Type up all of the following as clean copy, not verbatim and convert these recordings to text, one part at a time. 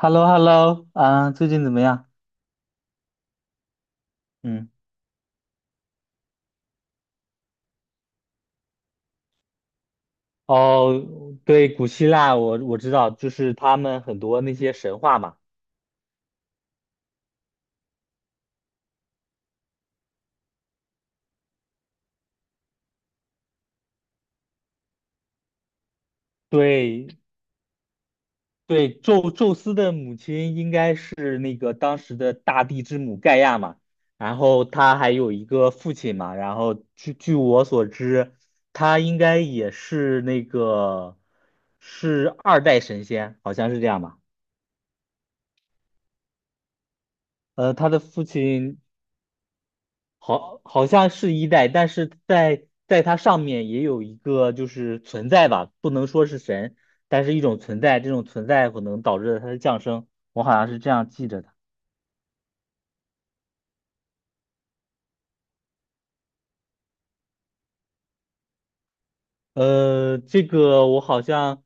h e l l o h e l l o 啊，最近怎么样？嗯。哦，对，古希腊我知道，就是他们很多那些神话嘛。对对，宙斯的母亲应该是那个当时的大地之母盖亚嘛，然后他还有一个父亲嘛，然后据我所知，他应该也是那个是二代神仙，好像是这样吧。他的父亲好，好像是一代，但是在它上面也有一个就是存在吧，不能说是神，但是一种存在，这种存在可能导致了它的降生，我好像是这样记着的。这个我好像，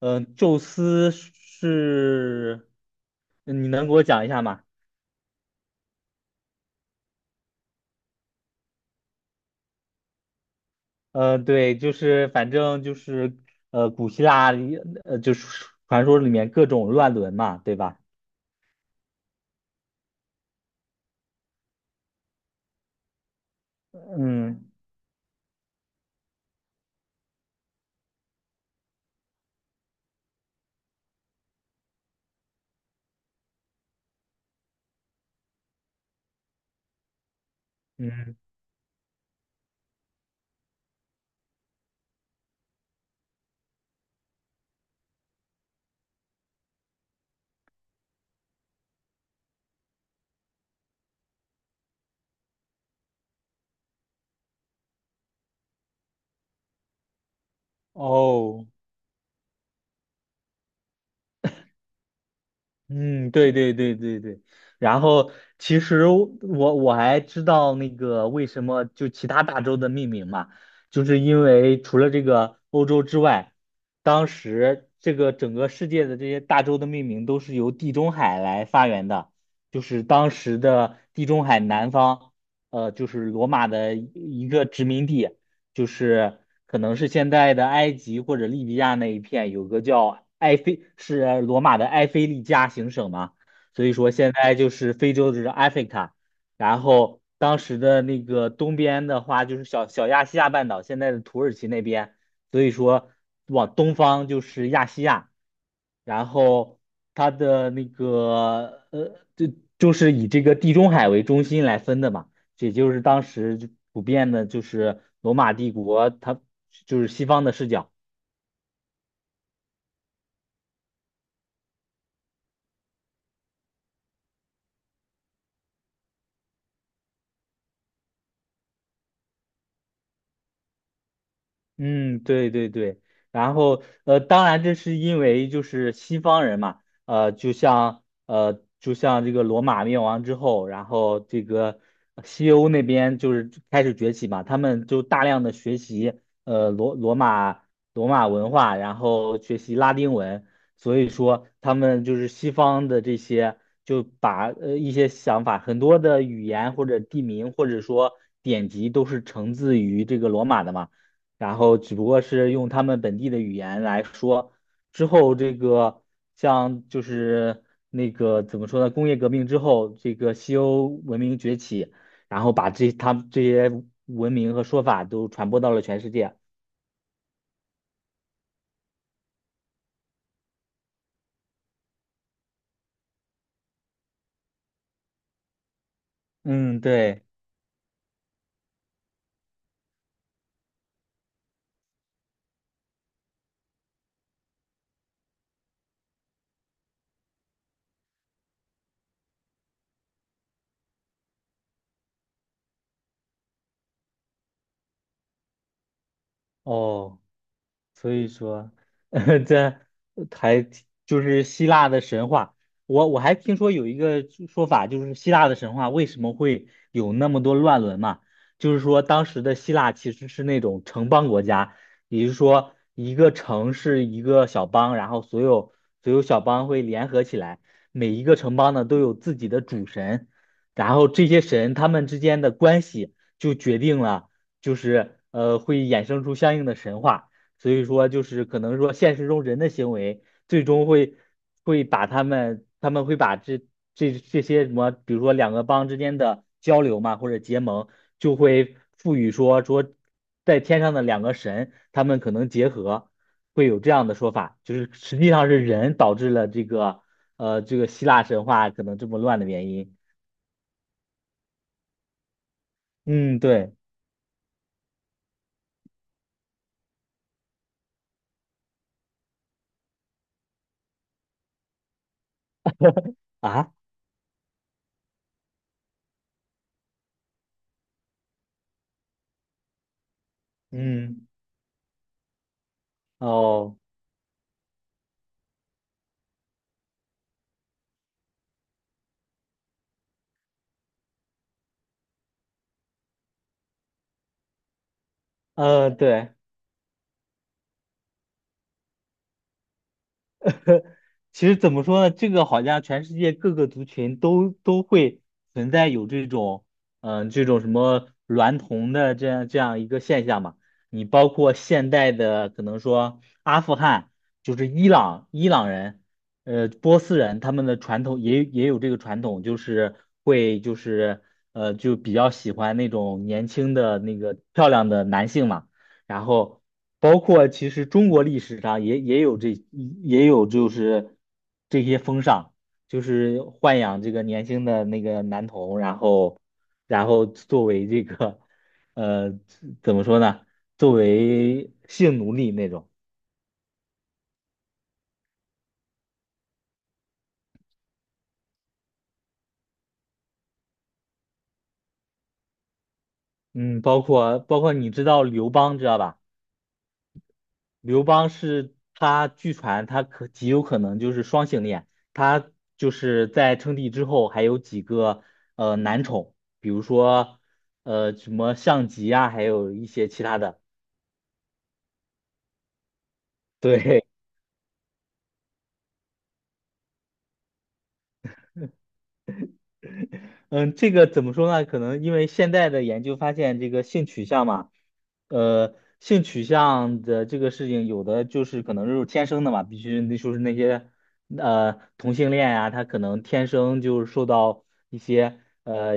宙斯是，你能给我讲一下吗？对，就是反正就是古希腊里就是传说里面各种乱伦嘛，对吧？嗯嗯。哦。嗯，对对对对对，然后其实我还知道那个为什么就其他大洲的命名嘛，就是因为除了这个欧洲之外，当时这个整个世界的这些大洲的命名都是由地中海来发源的，就是当时的地中海南方，就是罗马的一个殖民地，就是可能是现在的埃及或者利比亚那一片，有个叫埃菲，是罗马的埃菲利加行省嘛，所以说现在就是非洲就是 Africa，然后当时的那个东边的话就是小亚细亚半岛，现在的土耳其那边，所以说往东方就是亚细亚，然后它的那个就是以这个地中海为中心来分的嘛。也就是当时就普遍的，就是罗马帝国，它就是西方的视角。嗯，对对对，然后当然这是因为就是西方人嘛，就像就像这个罗马灭亡之后，然后这个西欧那边就是开始崛起嘛，他们就大量的学习呃罗罗马罗马文化，然后学习拉丁文，所以说他们就是西方的这些就把一些想法，很多的语言或者地名或者说典籍都是承自于这个罗马的嘛。然后只不过是用他们本地的语言来说。之后这个像就是那个怎么说呢？工业革命之后，这个西欧文明崛起，然后把这他们这些文明和说法都传播到了全世界。嗯，对。哦。所以说，这还挺就是希腊的神话。我还听说有一个说法，就是希腊的神话为什么会有那么多乱伦嘛？就是说当时的希腊其实是那种城邦国家，也就是说一个城是一个小邦，然后所有小邦会联合起来，每一个城邦呢都有自己的主神，然后这些神他们之间的关系就决定了，就是会衍生出相应的神话。所以说就是可能说现实中人的行为最终会把他们会把这些什么，比如说两个帮之间的交流嘛，或者结盟，就会赋予说在天上的两个神，他们可能结合，会有这样的说法，就是实际上是人导致了这个希腊神话可能这么乱的原因。嗯，对啊，嗯，哦，对。其实怎么说呢？这个好像全世界各个族群都会存在有这种什么娈童的这样一个现象嘛。你包括现代的，可能说阿富汗，就是伊朗人，波斯人，他们的传统也有这个传统，就是会就是就比较喜欢那种年轻的那个漂亮的男性嘛。然后包括其实中国历史上也也有就是这些风尚，就是豢养这个年轻的那个男童，然后作为这个呃怎么说呢，作为性奴隶那种。嗯，包括你知道刘邦知道吧？刘邦是他，据传他极有可能就是双性恋，他就是在称帝之后还有几个男宠，比如说什么项籍啊，还有一些其他的。对，嗯，这个怎么说呢？可能因为现在的研究发现，这个性取向嘛，性取向的这个事情，有的就是可能就是天生的嘛，必须那就是那些呃同性恋呀、他可能天生就是受到一些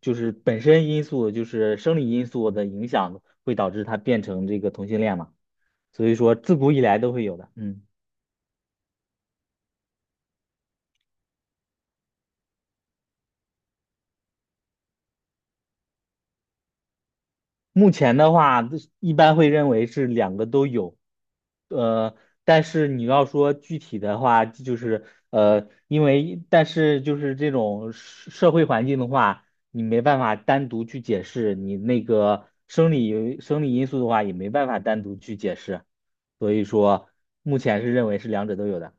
就是本身因素，就是生理因素的影响，会导致他变成这个同性恋嘛。所以说，自古以来都会有的。嗯。目前的话，一般会认为是两个都有，呃，但是你要说具体的话，就是因为但是就是这种社会环境的话，你没办法单独去解释，你那个生理因素的话，也没办法单独去解释，所以说目前是认为是两者都有的。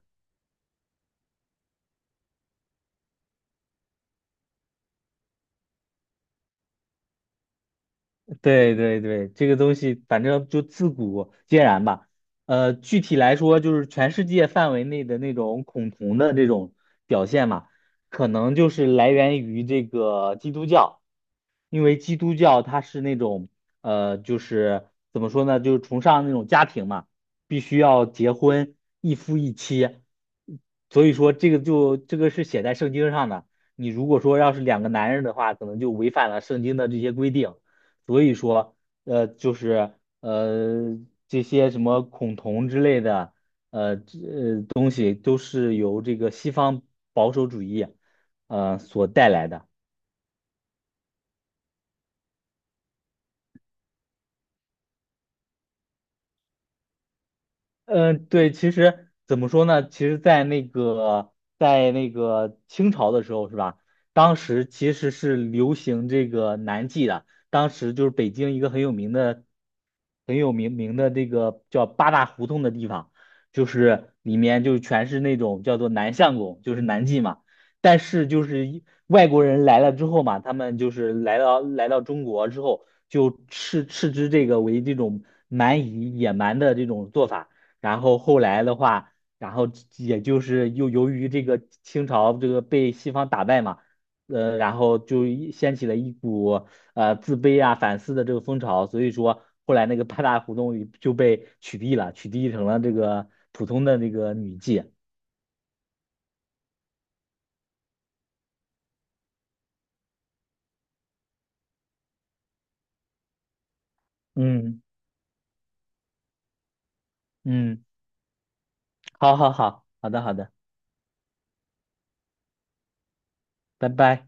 对对对，这个东西反正就自古皆然吧。具体来说，就是全世界范围内的那种恐同的这种表现嘛，可能就是来源于这个基督教，因为基督教它是那种就是怎么说呢，就是崇尚那种家庭嘛，必须要结婚，一夫一妻，所以说这个就这个是写在圣经上的。你如果说要是两个男人的话，可能就违反了圣经的这些规定。所以说，就是呃这些什么孔同之类的，这东西都是由这个西方保守主义，所带来的。嗯，对，其实怎么说呢？其实，在那个清朝的时候，是吧？当时其实是流行这个南记的，当时就是北京一个很有名的这个叫八大胡同的地方，就是里面就全是那种叫做南相公，就是南记嘛。但是就是外国人来了之后嘛，他们就是来到中国之后，就斥之这个为这种蛮夷野蛮的这种做法。然后后来的话，然后也就是又由于这个清朝这个被西方打败嘛，然后就掀起了一股自卑啊、反思的这个风潮，所以说后来那个八大胡同就被取缔了，取缔成了这个普通的那个女妓。嗯嗯，好好好，好的好的，拜拜。